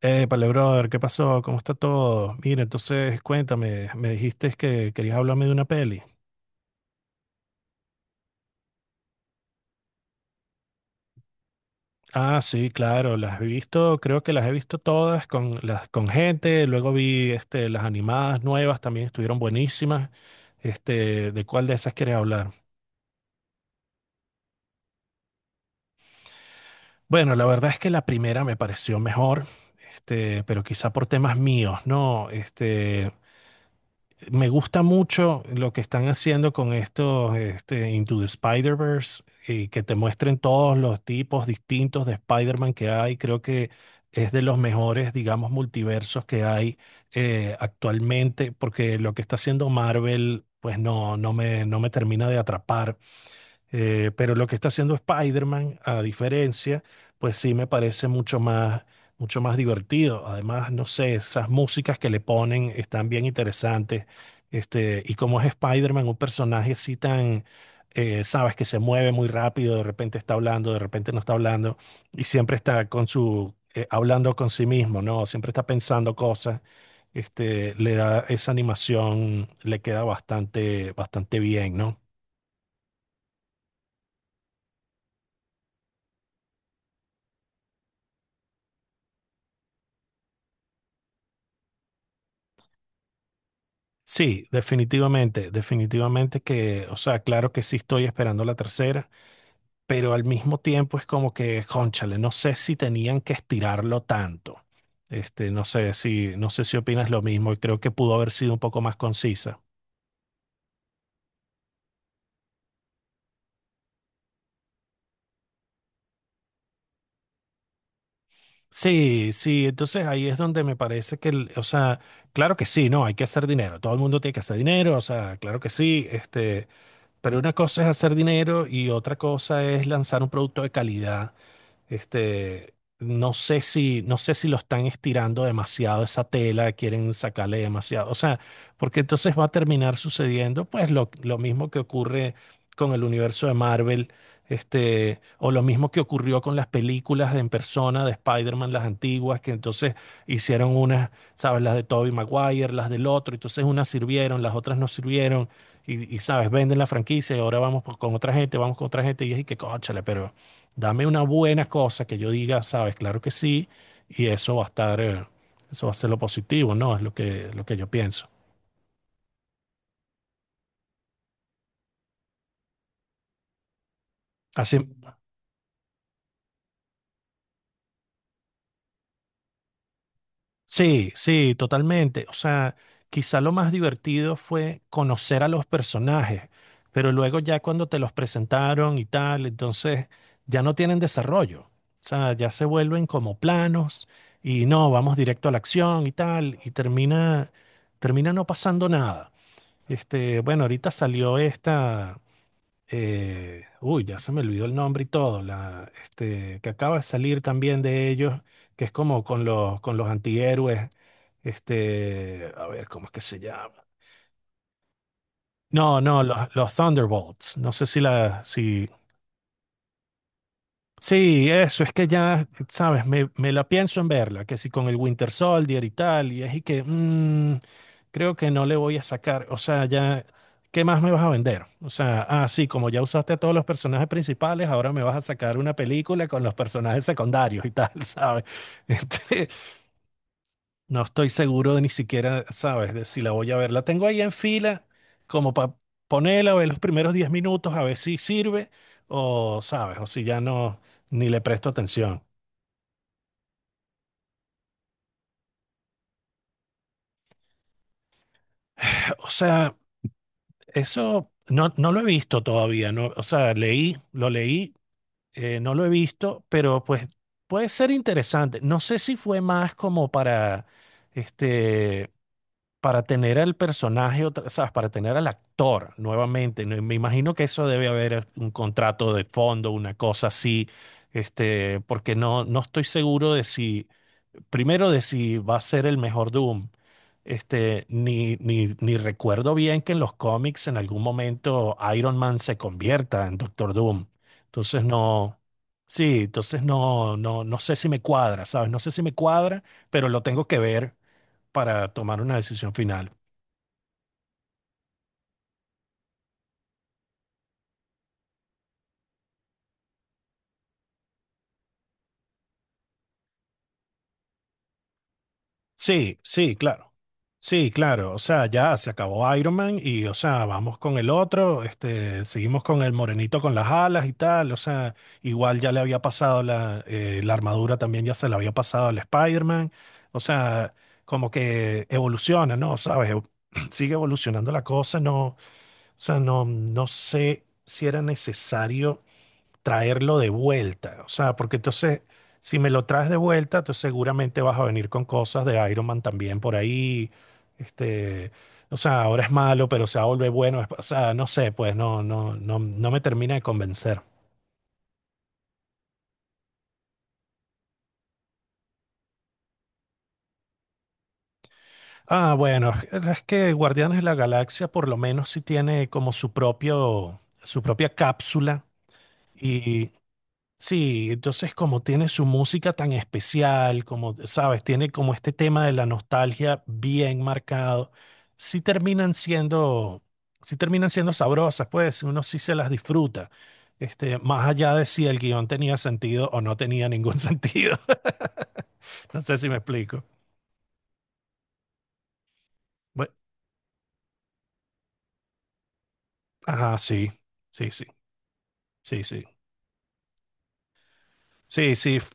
Épale, brother, ¿qué pasó? ¿Cómo está todo? Mira, entonces cuéntame, me dijiste que querías hablarme de una peli. Ah, sí, claro, las he visto, creo que las he visto todas con, las, con gente, luego vi las animadas nuevas, también estuvieron buenísimas. ¿De cuál de esas quieres hablar? Bueno, la verdad es que la primera me pareció mejor, pero quizá por temas míos, ¿no? Me gusta mucho lo que están haciendo con estos Into the Spider-Verse y que te muestren todos los tipos distintos de Spider-Man que hay. Creo que es de los mejores, digamos, multiversos que hay actualmente, porque lo que está haciendo Marvel, pues no, no me termina de atrapar. Pero lo que está haciendo Spider-Man, a diferencia, pues sí me parece mucho más divertido. Además, no sé, esas músicas que le ponen están bien interesantes. Y como es Spider-Man, un personaje así tan, sabes, que se mueve muy rápido, de repente está hablando, de repente no está hablando, y siempre está con hablando con sí mismo, ¿no? Siempre está pensando cosas. Le da esa animación, le queda bastante, bastante bien, ¿no? Sí, definitivamente, definitivamente que, o sea, claro que sí estoy esperando la tercera, pero al mismo tiempo es como que, cónchale, no sé si tenían que estirarlo tanto. No sé si opinas lo mismo y creo que pudo haber sido un poco más concisa. Sí, sí, entonces ahí es donde me parece que, o sea, claro que sí, no, hay que hacer dinero, todo el mundo tiene que hacer dinero, o sea, claro que sí, pero una cosa es hacer dinero y otra cosa es lanzar un producto de calidad. Este, no sé si lo están estirando demasiado esa tela, quieren sacarle demasiado. O sea, porque entonces va a terminar sucediendo, pues, lo mismo que ocurre con el universo de Marvel, o lo mismo que ocurrió con las películas de en persona de Spider-Man, las antiguas, que entonces hicieron unas, ¿sabes? Las de Tobey Maguire, las del otro, entonces unas sirvieron, las otras no sirvieron, ¿sabes? Venden la franquicia y ahora vamos con otra gente, vamos con otra gente, y es y que, cónchale, pero. Dame una buena cosa que yo diga, sabes, claro que sí, y eso va a estar, eso va a ser lo positivo, ¿no? Es lo que yo pienso. Así, sí, sí, totalmente. O sea, quizá lo más divertido fue conocer a los personajes, pero luego ya cuando te los presentaron y tal, entonces ya no tienen desarrollo. O sea, ya se vuelven como planos y no, vamos directo a la acción y tal, y termina no pasando nada. Bueno, ahorita salió esta. Ya se me olvidó el nombre y todo, que acaba de salir también de ellos, que es como con los, antihéroes, a ver, ¿cómo es que se llama? No, no, los Thunderbolts, no sé si la, si, sí, eso, es que ya, sabes, me la pienso en verla, que si con el Winter Soldier y tal, y es y que creo que no le voy a sacar, o sea, ya, ¿qué más me vas a vender? O sea, ah, sí, como ya usaste a todos los personajes principales, ahora me vas a sacar una película con los personajes secundarios y tal, ¿sabes? No estoy seguro de ni siquiera, sabes, de si la voy a ver. La tengo ahí en fila, como para ponerla, ver los primeros 10 minutos, a ver si sirve, o sabes, o si ya no, ni le presto atención. O sea, eso no lo he visto todavía, no, o sea, leí, lo leí, no lo he visto, pero pues puede ser interesante. No sé si fue más como para, este, para tener al personaje, o sea, para tener al actor nuevamente. ¿No? Me imagino que eso debe haber un contrato de fondo, una cosa así, porque no estoy seguro de si, primero de si va a ser el mejor Doom. Ni recuerdo bien que en los cómics en algún momento Iron Man se convierta en Doctor Doom. Entonces no, sí, entonces no sé si me cuadra, ¿sabes? No sé si me cuadra, pero lo tengo que ver para tomar una decisión final. Sí, sí, claro. Sí, claro. O sea, ya se acabó Iron Man y, o sea, vamos con el otro. Seguimos con el morenito con las alas y tal. O sea, igual ya le había pasado la armadura también ya se la había pasado al Spider-Man. O sea, como que evoluciona, ¿no? ¿Sabes? Sigue evolucionando la cosa. No, o sea, no sé si era necesario traerlo de vuelta. O sea, porque entonces, si me lo traes de vuelta, entonces seguramente vas a venir con cosas de Iron Man también por ahí. Este, o sea, ahora es malo, pero se va a volver bueno. O sea, no sé, pues no, no me termina de convencer. Ah, bueno, es que Guardianes de la Galaxia por lo menos sí tiene como su propia cápsula. Y sí, entonces como tiene su música tan especial, como, sabes, tiene como este tema de la nostalgia bien marcado, sí terminan siendo, sí terminan siendo sabrosas, pues uno sí se las disfruta, más allá de si el guión tenía sentido o no tenía ningún sentido. No sé si me explico. Bue- ajá, sí, sí, sí, sí, sí, sí, sí. f-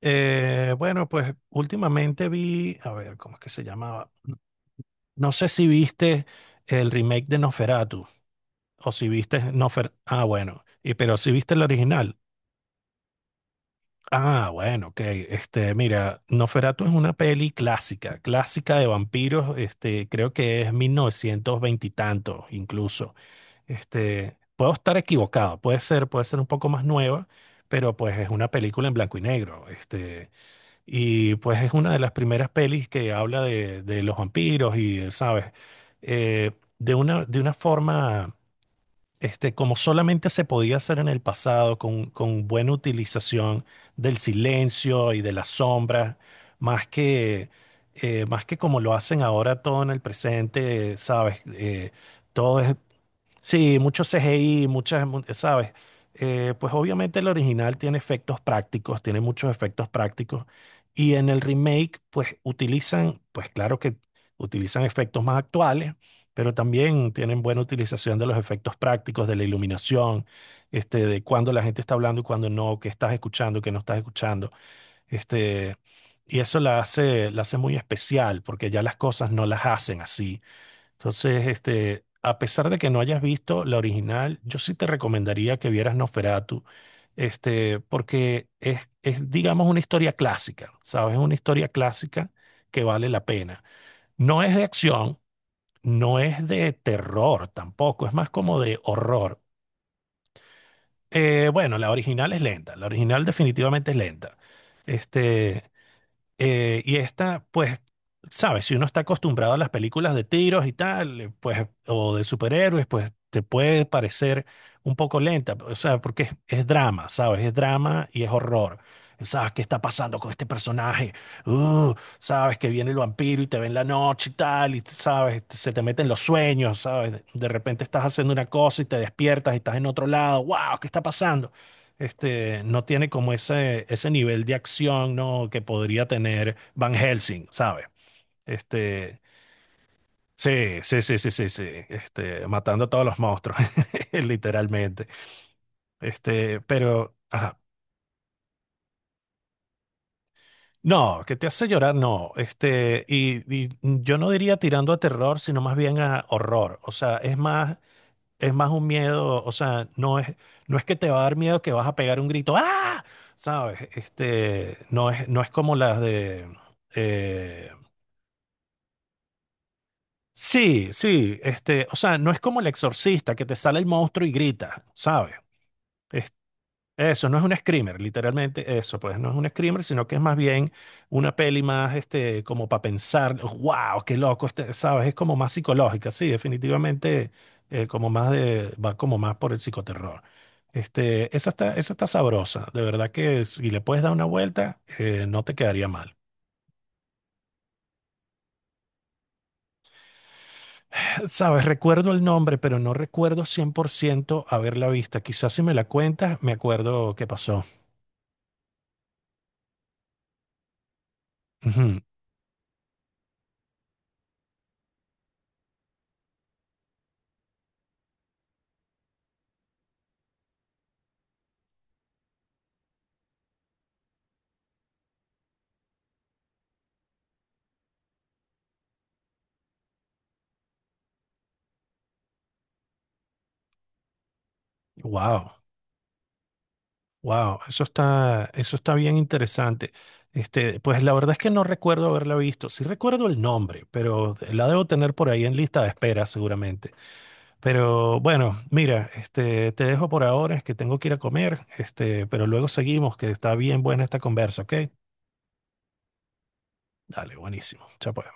eh, bueno, pues últimamente vi, a ver, ¿cómo es que se llamaba? No sé si viste el remake de Nosferatu. O si viste ah, bueno. Y pero si viste el original, ah, bueno, ok. Mira, Noferatu es una peli clásica, clásica de vampiros. Creo que es 1920 y tanto, incluso. Puedo estar equivocado, puede ser un poco más nueva, pero pues es una película en blanco y negro. Y pues es una de las primeras pelis que habla de, los vampiros y, ¿sabes? Eh, de una forma. Como solamente se podía hacer en el pasado con, buena utilización del silencio y de las sombras, más que, más que como lo hacen ahora todo en el presente, ¿sabes? Todo es, Sí, mucho CGI, muchas, ¿sabes? Pues obviamente el original tiene efectos prácticos, tiene muchos efectos prácticos. Y en el remake, pues claro que utilizan efectos más actuales, pero también tienen buena utilización de los efectos prácticos, de la iluminación, de cuando la gente está hablando y cuando no, qué estás escuchando, qué no estás escuchando. Este, y eso la hace muy especial, porque ya las cosas no las hacen así. Entonces, a pesar de que no hayas visto la original, yo sí te recomendaría que vieras Nosferatu, porque es, digamos, una historia clásica, ¿sabes? Es una historia clásica que vale la pena. No es de acción, no es de terror tampoco, es más como de horror. Bueno, la original es lenta, la original definitivamente es lenta. Este, y esta, pues, sabes, si uno está acostumbrado a las películas de tiros y tal, pues, o de superhéroes, pues te puede parecer un poco lenta, o sea, porque es drama, ¿sabes? Es drama y es horror. ¿Sabes qué está pasando con este personaje? Uh, sabes que viene el vampiro y te ve en la noche y tal, y sabes, se te meten los sueños, ¿sabes? De repente estás haciendo una cosa y te despiertas y estás en otro lado, wow, ¿qué está pasando? No tiene como ese, nivel de acción, ¿no? Que podría tener Van Helsing, ¿sabes? Este, sí, sí, sí, sí, sí, sí, matando a todos los monstruos, literalmente. Pero, ajá. No, que te hace llorar, no. Y yo no diría tirando a terror, sino más bien a horror. O sea, es más un miedo, o sea, no es que te va a dar miedo que vas a pegar un grito, ¡ah! ¿Sabes? No es como las de... eh, sí, sí, o sea, no es como el exorcista que te sale el monstruo y grita, ¿sabes? Eso no es un screamer, literalmente eso, pues no es un screamer, sino que es más bien una peli más, como para pensar, wow, qué loco, ¿sabes? Es como más psicológica, sí, definitivamente, va como más por el psicoterror. Esa está sabrosa, de verdad que si le puedes dar una vuelta, no te quedaría mal. Sabes, recuerdo el nombre, pero no recuerdo 100% haberla vista. Quizás si me la cuentas, me acuerdo qué pasó. Wow. Wow, eso está bien interesante. Pues la verdad es que no recuerdo haberla visto. Sí recuerdo el nombre, pero la debo tener por ahí en lista de espera seguramente. Pero bueno, mira, te dejo por ahora, es que tengo que ir a comer, pero luego seguimos, que está bien buena esta conversa, ¿ok? Dale, buenísimo. Chao pues.